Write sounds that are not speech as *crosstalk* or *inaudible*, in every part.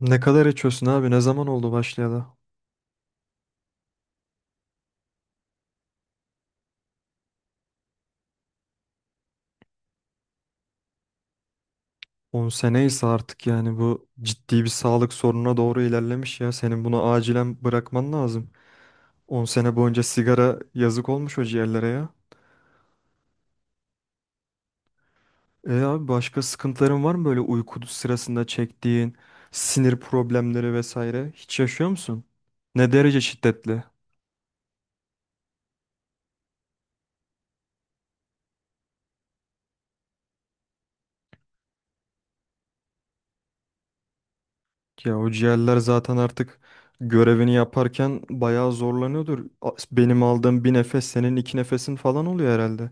Ne kadar içiyorsun abi? Ne zaman oldu başlayalı? 10 sene ise artık yani bu ciddi bir sağlık sorununa doğru ilerlemiş ya. Senin bunu acilen bırakman lazım. 10 sene boyunca sigara yazık olmuş o ciğerlere ya. E abi başka sıkıntıların var mı böyle uyku sırasında çektiğin sinir problemleri vesaire? Hiç yaşıyor musun? Ne derece şiddetli? Ya o ciğerler zaten artık görevini yaparken bayağı zorlanıyordur. Benim aldığım bir nefes senin iki nefesin falan oluyor herhalde.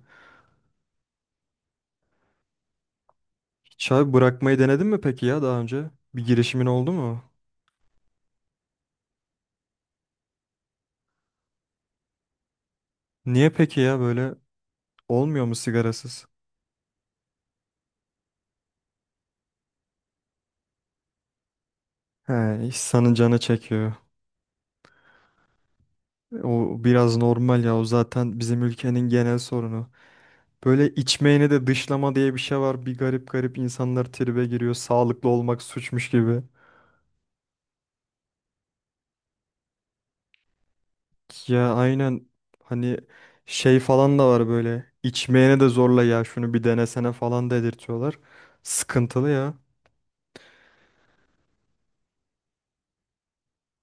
Hiç abi bırakmayı denedin mi peki ya daha önce? Bir girişimin oldu mu? Niye peki ya böyle olmuyor mu sigarasız? He, insanın canı çekiyor. O biraz normal ya o zaten bizim ülkenin genel sorunu. Böyle içmeyeni de dışlama diye bir şey var. Bir garip garip insanlar tribe giriyor. Sağlıklı olmak suçmuş gibi. Ya aynen hani şey falan da var böyle. İçmeyene de zorla ya şunu bir denesene falan dedirtiyorlar. Sıkıntılı ya.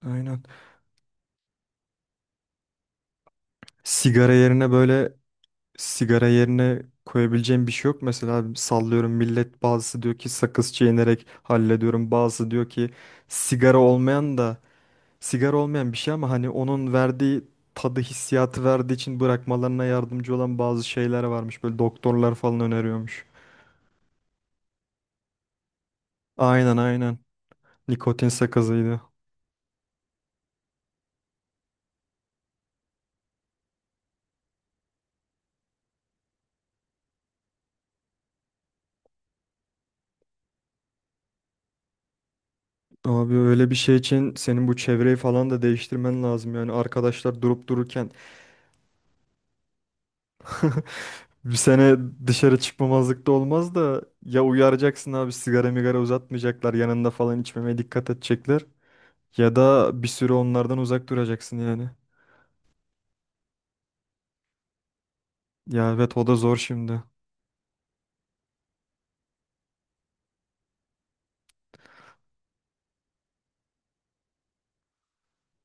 Aynen. Sigara yerine böyle sigara yerine koyabileceğim bir şey yok. Mesela sallıyorum millet bazısı diyor ki sakız çiğnerek hallediyorum. Bazısı diyor ki sigara olmayan da sigara olmayan bir şey ama hani onun verdiği tadı hissiyatı verdiği için bırakmalarına yardımcı olan bazı şeyler varmış. Böyle doktorlar falan öneriyormuş. Aynen aynen. Nikotin sakızıydı. Abi öyle bir şey için senin bu çevreyi falan da değiştirmen lazım. Yani arkadaşlar durup dururken *laughs* bir sene dışarı çıkmamazlık olmaz da ya uyaracaksın abi sigara migara uzatmayacaklar yanında falan içmemeye dikkat edecekler ya da bir süre onlardan uzak duracaksın yani. Ya evet o da zor şimdi.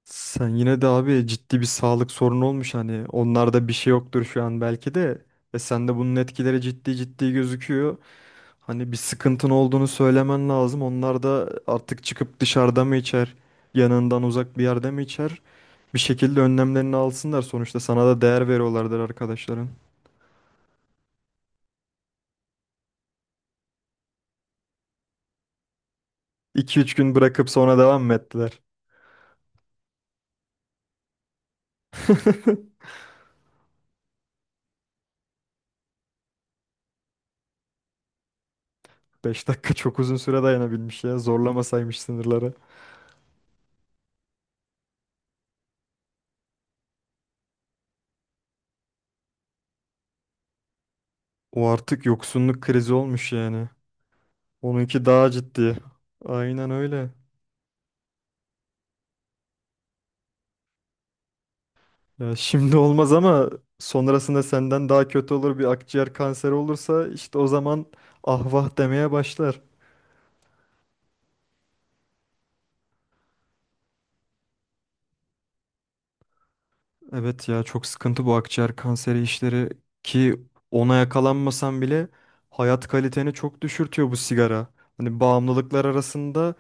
Sen yine de abi ciddi bir sağlık sorunu olmuş hani onlarda bir şey yoktur şu an belki de ve sende bunun etkileri ciddi ciddi gözüküyor. Hani bir sıkıntın olduğunu söylemen lazım. Onlar da artık çıkıp dışarıda mı içer, yanından uzak bir yerde mi içer? Bir şekilde önlemlerini alsınlar sonuçta sana da değer veriyorlardır arkadaşların. İki üç gün bırakıp sonra devam mı ettiler? *laughs* Beş dakika çok uzun süre dayanabilmiş ya zorlamasaymış sınırları. O artık yoksunluk krizi olmuş yani. Onunki daha ciddi. Aynen öyle. Ya şimdi olmaz ama sonrasında senden daha kötü olur bir akciğer kanseri olursa işte o zaman ah vah demeye başlar. Evet ya çok sıkıntı bu akciğer kanseri işleri ki ona yakalanmasan bile hayat kaliteni çok düşürtüyor bu sigara. Hani bağımlılıklar arasında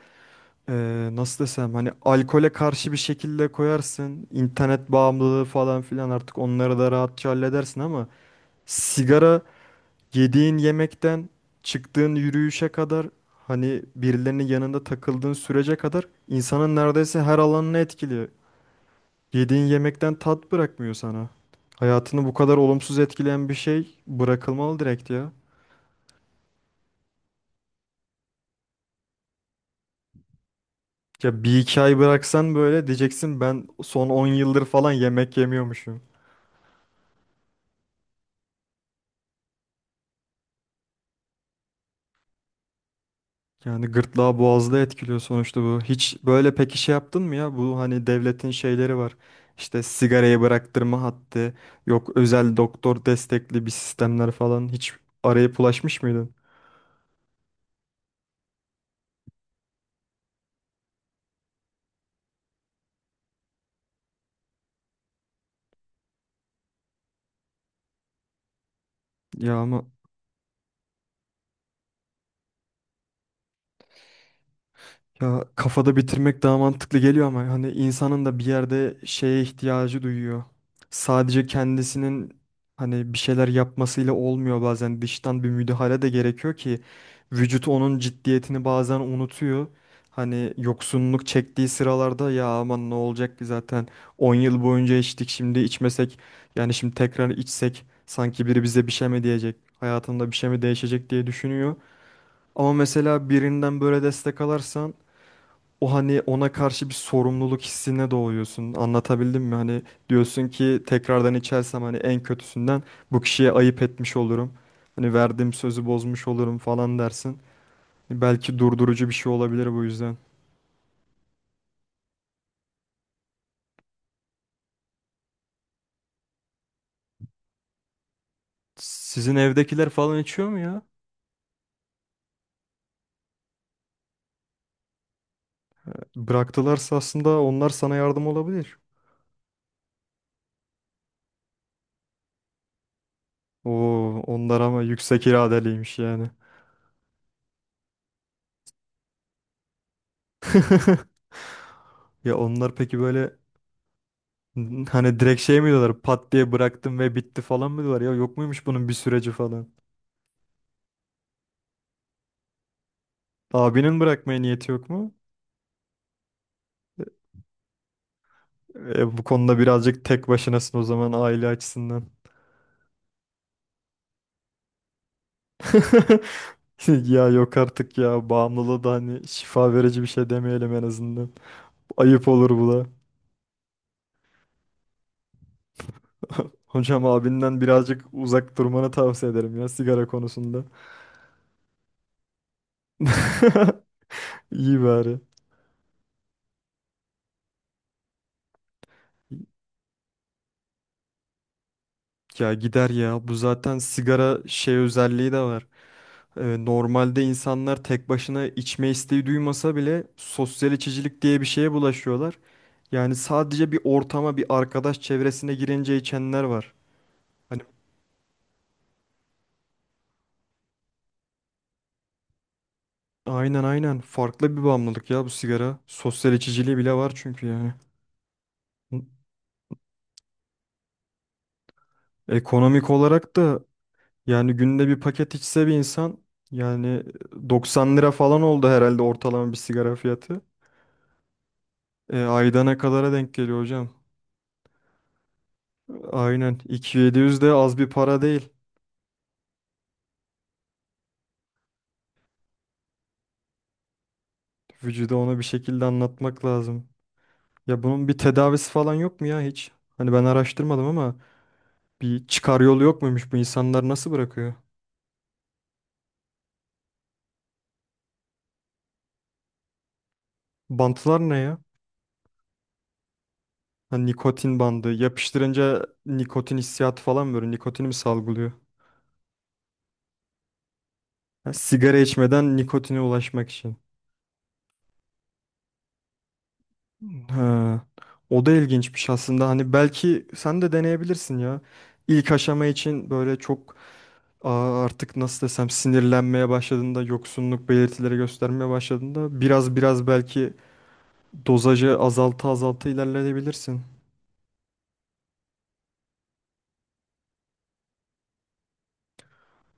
nasıl desem hani alkole karşı bir şekilde koyarsın. İnternet bağımlılığı falan filan artık onları da rahatça halledersin ama sigara yediğin yemekten çıktığın yürüyüşe kadar hani birilerinin yanında takıldığın sürece kadar insanın neredeyse her alanını etkiliyor. Yediğin yemekten tat bırakmıyor sana. Hayatını bu kadar olumsuz etkileyen bir şey bırakılmalı direkt ya. Ya bir iki ay bıraksan böyle diyeceksin ben son 10 yıldır falan yemek yemiyormuşum. Yani gırtlağı boğazda etkiliyor sonuçta bu. Hiç böyle peki şey yaptın mı ya? Bu hani devletin şeyleri var. İşte sigarayı bıraktırma hattı, yok özel doktor destekli bir sistemler falan. Hiç arayıp ulaşmış mıydın? Ya ama ya kafada bitirmek daha mantıklı geliyor ama hani insanın da bir yerde şeye ihtiyacı duyuyor. Sadece kendisinin hani bir şeyler yapmasıyla olmuyor bazen dıştan bir müdahale de gerekiyor ki vücut onun ciddiyetini bazen unutuyor. Hani yoksunluk çektiği sıralarda ya aman ne olacak ki zaten 10 yıl boyunca içtik şimdi içmesek yani şimdi tekrar içsek sanki biri bize bir şey mi diyecek hayatında bir şey mi değişecek diye düşünüyor. Ama mesela birinden böyle destek alarsan o hani ona karşı bir sorumluluk hissine doğuyorsun. Anlatabildim mi? Hani diyorsun ki tekrardan içersem hani en kötüsünden bu kişiye ayıp etmiş olurum. Hani verdiğim sözü bozmuş olurum falan dersin. Belki durdurucu bir şey olabilir bu yüzden. Sizin evdekiler falan içiyor mu ya? Bıraktılarsa aslında onlar sana yardım olabilir. Oo, onlar ama yüksek iradeliymiş yani. *laughs* Ya onlar peki böyle hani direkt şey mi diyorlar? Pat diye bıraktım ve bitti falan mı diyorlar? Ya yok muymuş bunun bir süreci falan? Abinin bırakmaya niyeti yok mu? E, e, bu konuda birazcık tek başınasın o zaman aile açısından. *laughs* Ya yok artık ya bağımlılığı da hani şifa verici bir şey demeyelim en azından. Ayıp olur bu da. *laughs* Hocam abinden birazcık uzak durmanı tavsiye ederim ya sigara konusunda. *laughs* İyi bari. Ya gider ya bu zaten sigara şey özelliği de var. E, normalde insanlar tek başına içme isteği duymasa bile sosyal içicilik diye bir şeye bulaşıyorlar. Yani sadece bir ortama, bir arkadaş çevresine girince içenler var. Hani aynen aynen farklı bir bağımlılık ya bu sigara. Sosyal içiciliği bile var çünkü yani. Ekonomik olarak da yani günde bir paket içse bir insan yani 90 lira falan oldu herhalde ortalama bir sigara fiyatı. E, aydana kadara denk geliyor hocam. Aynen 2.700 de az bir para değil. Vücuda onu bir şekilde anlatmak lazım. Ya bunun bir tedavisi falan yok mu ya hiç? Hani ben araştırmadım ama bir çıkar yolu yok muymuş bu insanlar nasıl bırakıyor? Bantlar ne ya? Hani nikotin bandı. Yapıştırınca nikotin hissiyatı falan böyle nikotini mi salgılıyor? Ha, sigara içmeden nikotine ulaşmak için. Ha, o da ilginçmiş aslında. Hani belki sen de deneyebilirsin ya. İlk aşama için böyle çok artık nasıl desem sinirlenmeye başladığında, yoksunluk belirtileri göstermeye başladığında biraz biraz belki dozajı azalta azalta ilerleyebilirsin.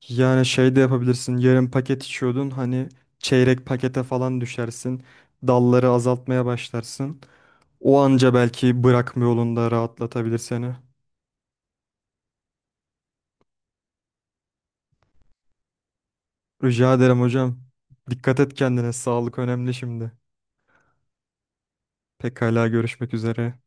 Yani şey de yapabilirsin. Yarım paket içiyordun hani çeyrek pakete falan düşersin. Dalları azaltmaya başlarsın. O anca belki bırakma yolunda rahatlatabilir seni. Rica ederim hocam. Dikkat et kendine. Sağlık önemli şimdi. Pekala görüşmek üzere.